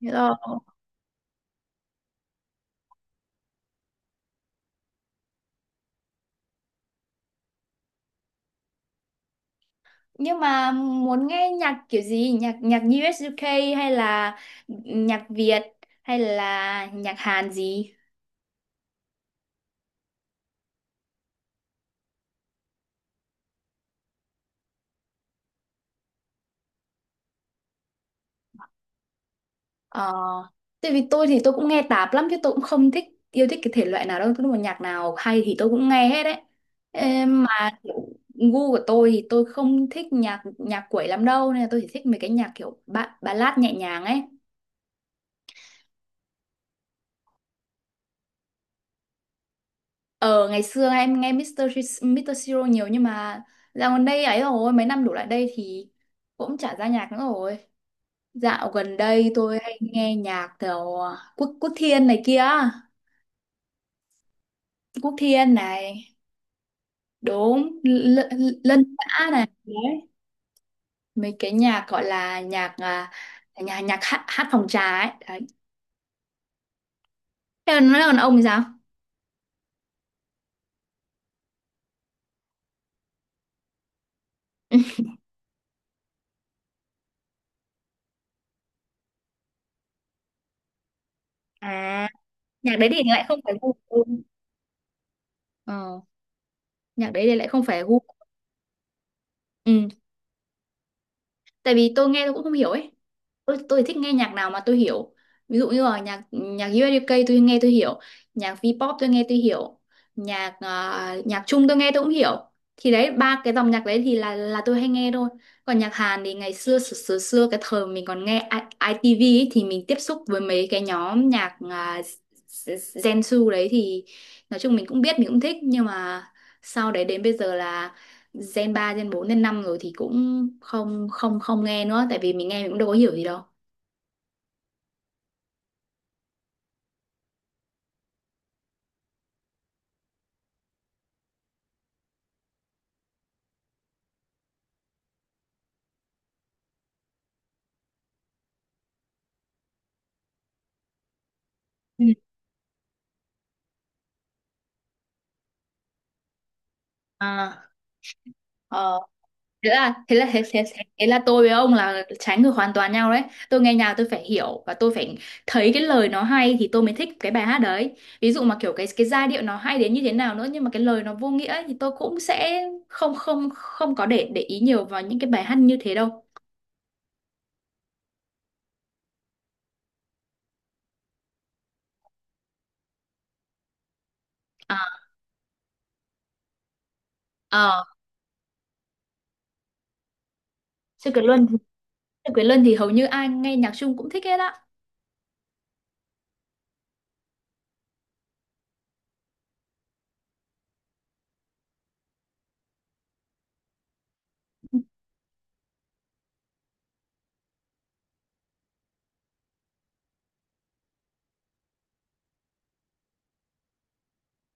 Hello. Nhưng mà muốn nghe nhạc kiểu gì? Nhạc nhạc US UK hay là nhạc Việt hay là nhạc Hàn gì? Ờ, Tại vì tôi cũng nghe tạp lắm, chứ tôi cũng không yêu thích cái thể loại nào đâu, tôi mà nhạc nào hay thì tôi cũng nghe hết đấy. Ê, mà kiểu gu của tôi thì tôi không thích nhạc nhạc quẩy lắm đâu, nên là tôi chỉ thích mấy cái nhạc kiểu ballad nhẹ nhàng ấy. Ờ, ngày xưa em nghe Mr. Siro nhiều, nhưng mà dạo gần đây ấy, rồi mấy năm đổ lại đây thì cũng chả ra nhạc nữa rồi. Dạo gần đây tôi hay nghe nhạc kiểu Quốc Quốc Thiên này kia, Quốc Thiên này, đúng Lân Xã này, đấy. Mấy cái nhạc gọi là nhạc à, nhà nhạc hát phòng trà ấy, đấy. Thế còn ông thì sao? À, nhạc đấy thì lại không phải gu của tôi. Ờ, nhạc đấy thì lại không phải gu. Ừ. Tại vì tôi nghe tôi cũng không hiểu ấy, tôi thích nghe nhạc nào mà tôi hiểu, ví dụ như là nhạc nhạc USK tôi nghe tôi hiểu, nhạc V-pop tôi nghe tôi hiểu, nhạc ờ, nhạc Trung tôi nghe tôi cũng hiểu, thì đấy ba cái dòng nhạc đấy thì là tôi hay nghe thôi. Còn nhạc Hàn thì ngày xưa xưa xưa, xưa cái thời mình còn nghe ITV ấy, thì mình tiếp xúc với mấy cái nhóm nhạc Gen Su đấy, thì nói chung mình cũng biết mình cũng thích, nhưng mà sau đấy đến bây giờ là Gen 3 Gen 4 Gen 5 rồi thì cũng không không không nghe nữa, tại vì mình nghe mình cũng đâu có hiểu gì đâu. Ừ. à, Ờ, thế là thế là thế, thế, thế, Thế là tôi với ông là trái ngược hoàn toàn nhau đấy. Tôi nghe nhạc tôi phải hiểu và tôi phải thấy cái lời nó hay thì tôi mới thích cái bài hát đấy. Ví dụ mà kiểu cái giai điệu nó hay đến như thế nào nữa, nhưng mà cái lời nó vô nghĩa ấy, thì tôi cũng sẽ không không không có để ý nhiều vào những cái bài hát như thế đâu. À, ờ, Sư Quyền Luân, Sư Quyền Luân thì hầu như ai nghe nhạc Trung cũng thích hết á.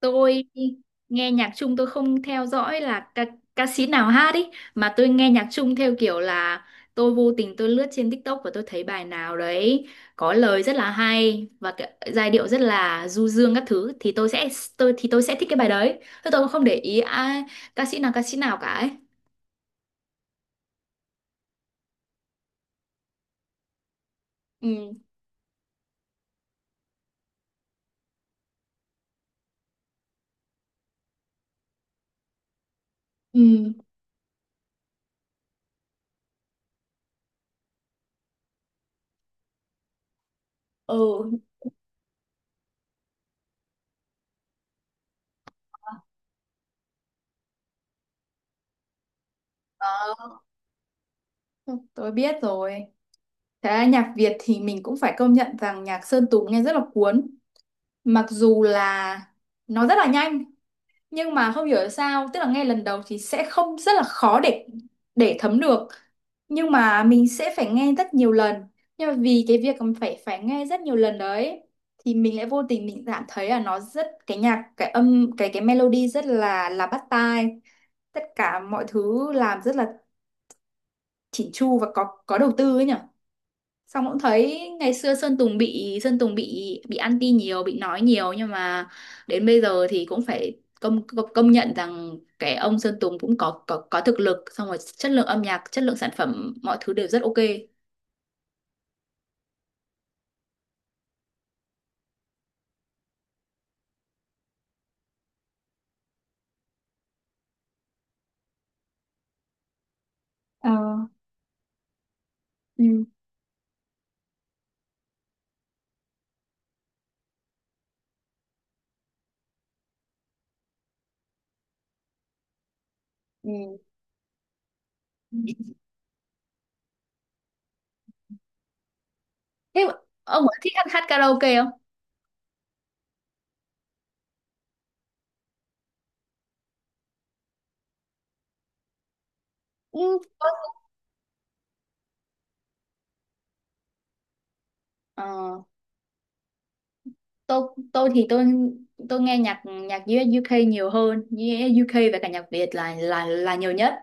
Tôi nghe nhạc Trung tôi không theo dõi là ca sĩ nào hát ý, mà tôi nghe nhạc Trung theo kiểu là tôi vô tình tôi lướt trên TikTok và tôi thấy bài nào đấy có lời rất là hay và giai điệu rất là du dương các thứ, thì tôi sẽ thích cái bài đấy, tôi cũng không để ý ca sĩ nào cả ấy. Ừ. Ừ. Ừ. Đó, tôi biết rồi. Thế nhạc Việt thì mình cũng phải công nhận rằng nhạc Sơn Tùng nghe rất là cuốn, mặc dù là nó rất là nhanh, nhưng mà không hiểu sao, tức là ngay lần đầu thì sẽ không rất là khó để thấm được, nhưng mà mình sẽ phải nghe rất nhiều lần, nhưng mà vì cái việc mà phải phải nghe rất nhiều lần đấy thì mình lại vô tình mình cảm thấy là nó rất cái nhạc cái âm cái melody rất là bắt tai, tất cả mọi thứ làm rất là chỉn chu và có đầu tư ấy nhỉ. Xong cũng thấy ngày xưa Sơn Tùng bị anti nhiều, bị nói nhiều, nhưng mà đến bây giờ thì cũng phải công công, công nhận rằng cái ông Sơn Tùng cũng có thực lực, xong rồi chất lượng âm nhạc, chất lượng sản phẩm mọi thứ đều rất ok. Ờ, ừ. Ừ. Thế ông có thích hát karaoke không? Ừ. Ờ. tôi tôi thì Tôi nghe nhạc nhạc US UK nhiều hơn, US UK và cả nhạc Việt là nhiều nhất.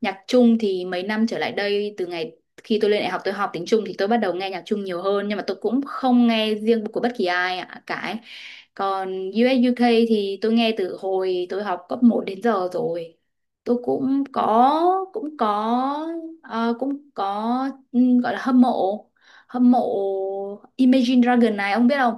Nhạc Trung thì mấy năm trở lại đây, từ ngày khi tôi lên đại học tôi học tiếng Trung thì tôi bắt đầu nghe nhạc Trung nhiều hơn, nhưng mà tôi cũng không nghe riêng của bất kỳ cả ấy. Còn US UK thì tôi nghe từ hồi tôi học cấp một đến giờ rồi. Tôi cũng có cũng có ờ, cũng có gọi là hâm mộ Imagine Dragon này, ông biết không?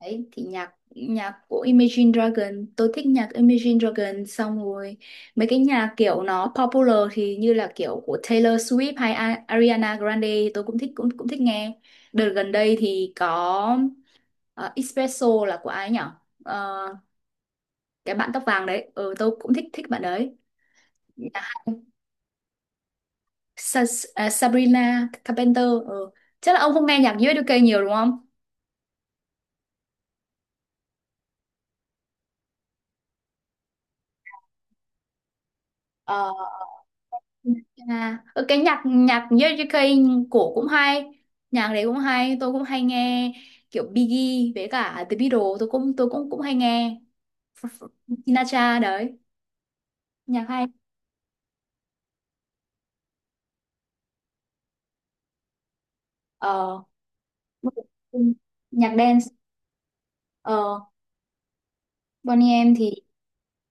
Đấy, thì nhạc nhạc của Imagine Dragon, tôi thích nhạc Imagine Dragon, xong rồi mấy cái nhạc kiểu nó popular thì như là kiểu của Taylor Swift hay Ariana Grande thì tôi cũng thích, cũng cũng thích nghe. Đợt gần đây thì có Espresso là của ai nhỉ? Ờ, cái bạn tóc vàng đấy, ừ, tôi cũng thích thích bạn đấy. Nhạc- Sa- Sabrina Carpenter, ừ. Chắc là ông không nghe nhạc US UK nhiều đúng không? Ờ. Cái nhạc nhạc Jericho cổ cũng hay, nhạc đấy cũng hay tôi cũng hay nghe, kiểu Biggie với cả The Beatles tôi cũng cũng hay nghe. Sinatra đấy, nhạc hay. ờ Nhạc dance. ờ Boney M thì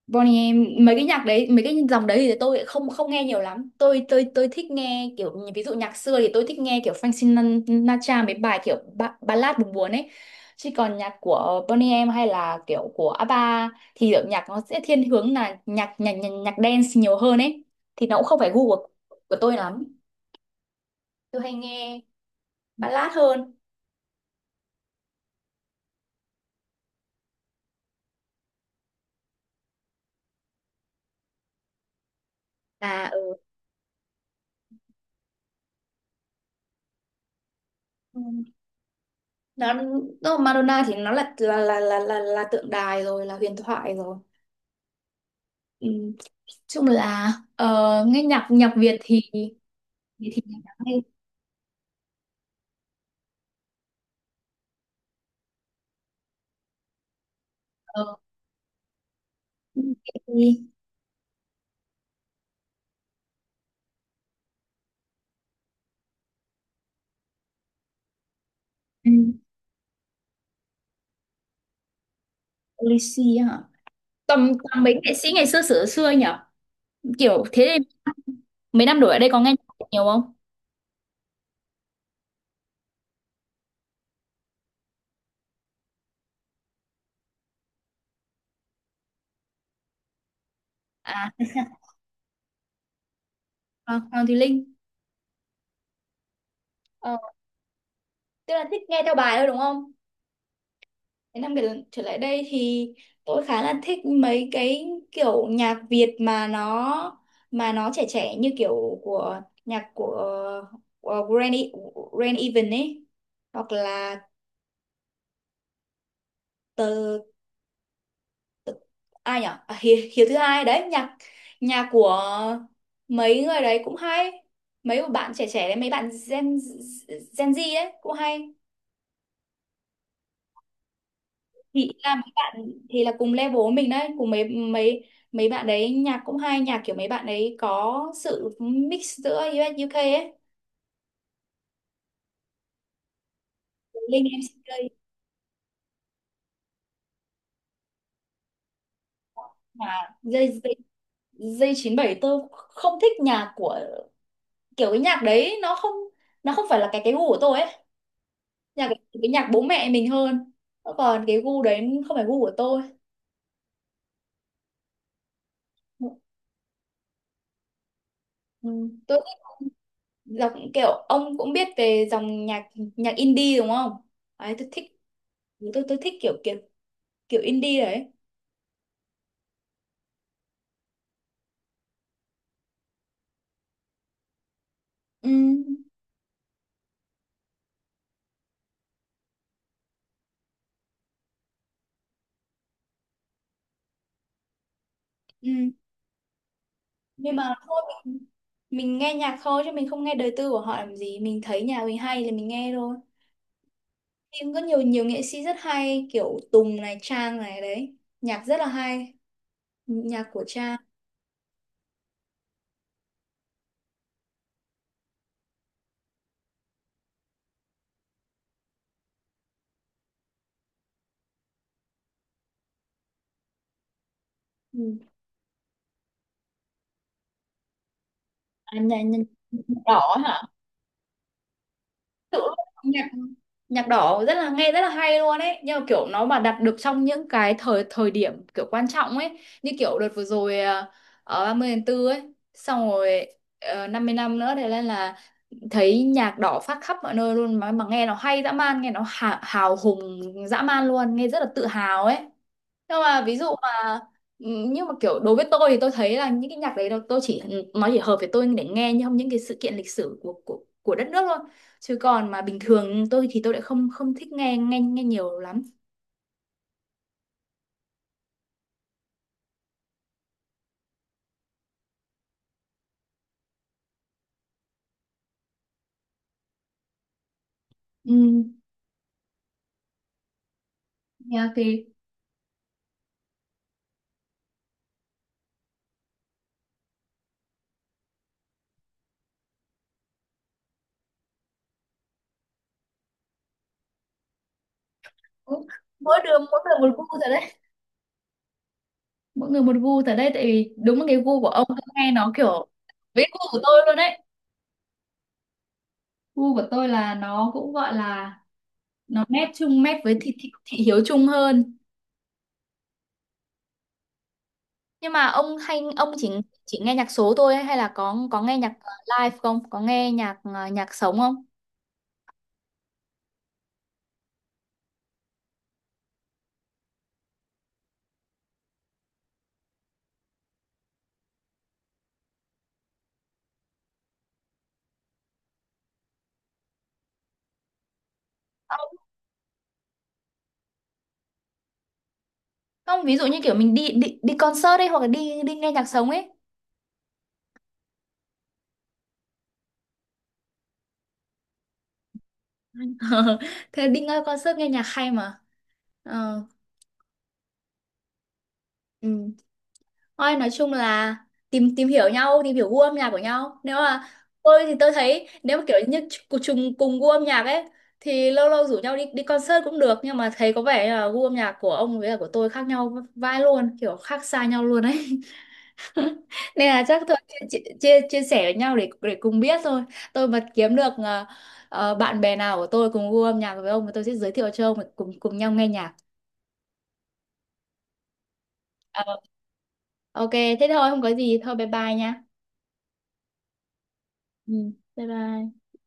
Bonnie M, mấy cái nhạc đấy mấy cái dòng đấy thì tôi lại không không nghe nhiều lắm, tôi thích nghe kiểu ví dụ nhạc xưa thì tôi thích nghe kiểu Frank Sinatra, mấy bài kiểu ballad buồn buồn ấy, chứ còn nhạc của Bonnie M hay là kiểu của ABBA thì kiểu nhạc nó sẽ thiên hướng là nhạc dance nhiều hơn ấy, thì nó cũng không phải gu của tôi lắm, tôi hay nghe ballad hơn. Là ở ừ, nó, nó Madonna thì nó là tượng đài rồi, là huyền thoại rồi. Ừ. Chung là nghe nhạc nhạc Việt thì nhạc hay. ờ, thì, ừ, Lisi hả? Tầm tầm mấy nghệ sĩ ngày xưa xưa xưa nhỉ? Kiểu thế thì mấy năm đổi ở đây có nghe nhạc nhiều không? À. còn còn thì Linh. ờ, Tức là thích nghe theo bài thôi đúng không? Mấy năm trở lại đây thì tôi khá là thích mấy cái kiểu nhạc Việt mà mà nó trẻ trẻ, như kiểu của, của Grand, E- Grand Even ấy, hoặc là từ, từ ai nhỉ, Hiếu thứ hai đấy, nhạc nhạc của mấy người đấy cũng hay, mấy của bạn trẻ trẻ đấy, mấy bạn Gen Gen Z đấy cũng hay, thì là mấy bạn thì là cùng level với mình đấy, cùng mấy mấy mấy bạn đấy nhạc cũng hay, nhạc kiểu mấy bạn đấy có sự mix giữa UK ấy. Linh MCK mà dây dây dây chín bảy, tôi không thích nhạc của, kiểu cái nhạc đấy nó không, nó không phải là cái gu của tôi ấy, nhạc cái nhạc bố mẹ mình hơn, còn cái gu đấy không phải gu của tôi. Ừ. Tôi thích dòng, kiểu ông cũng biết về dòng nhạc nhạc indie đúng không? Đấy tôi thích, tôi thích kiểu kiểu kiểu indie đấy. Ừ, ừ. Nhưng mà thôi mình nghe nhạc thôi chứ mình không nghe đời tư của họ làm gì, mình thấy nhà mình hay thì mình nghe thôi, nhưng có nhiều nhiều nghệ sĩ rất hay kiểu Tùng này, Trang này, đấy nhạc rất là hay, nhạc của Trang. Ừ. à, nhạc, Nhạc đỏ hả? Tự- nhạc Nhạc đỏ rất là, nghe rất là hay luôn ấy, nhưng mà kiểu nó mà đặt được trong những cái thời thời điểm kiểu quan trọng ấy, như kiểu đợt vừa rồi ở 30 tháng 4 ấy, xong rồi 50 năm nữa thì lên là thấy nhạc đỏ phát khắp mọi nơi luôn, mà nghe nó hay dã man, nghe nó hào hùng dã man luôn, nghe rất là tự hào ấy, nhưng mà ví dụ mà, nhưng mà kiểu đối với tôi thì tôi thấy là những cái nhạc đấy nó- tôi chỉ nó chỉ hợp với tôi để nghe trong những cái sự kiện lịch sử của đất nước thôi, chứ còn mà bình thường tôi thì tôi lại không không thích nghe nghe nghe nhiều lắm. Ừ, nhạc thì cũng- mỗi người một gu rồi đấy, mỗi người một gu. Tại đây, tại vì đúng là cái gu của ông tôi nghe nó kiểu với gu của tôi luôn đấy, gu của tôi là nó cũng gọi là nó mét chung, mét với thị hiếu chung hơn. Nhưng mà ông hay ông chỉ nghe nhạc số thôi hay là có nghe nhạc live không? Có nghe nhạc nhạc sống không? Không, không, ví dụ như kiểu mình đi đi đi concert ấy, hoặc là đi đi nghe nhạc sống ấy. Thế đi nghe concert nghe nhạc hay mà. Ờ, ừ. Thôi nói chung là tìm tìm hiểu nhau, tìm hiểu gu âm nhạc của nhau. Nếu mà tôi thì tôi thấy nếu mà kiểu như cùng gu âm nhạc ấy thì lâu lâu rủ nhau đi đi concert cũng được, nhưng mà thấy có vẻ như là gu âm nhạc của ông với cả của tôi khác nhau vai luôn, kiểu khác xa nhau luôn ấy. Nên là chắc thôi chia, chia, chia chia sẻ với nhau để cùng biết thôi. Tôi mà kiếm được bạn bè nào của tôi cùng gu âm nhạc với ông thì tôi sẽ giới thiệu cho ông để cùng cùng nhau nghe nhạc. Ờ, ok, thế thôi không có gì, thôi bye bye nha. Ừ, bye bye.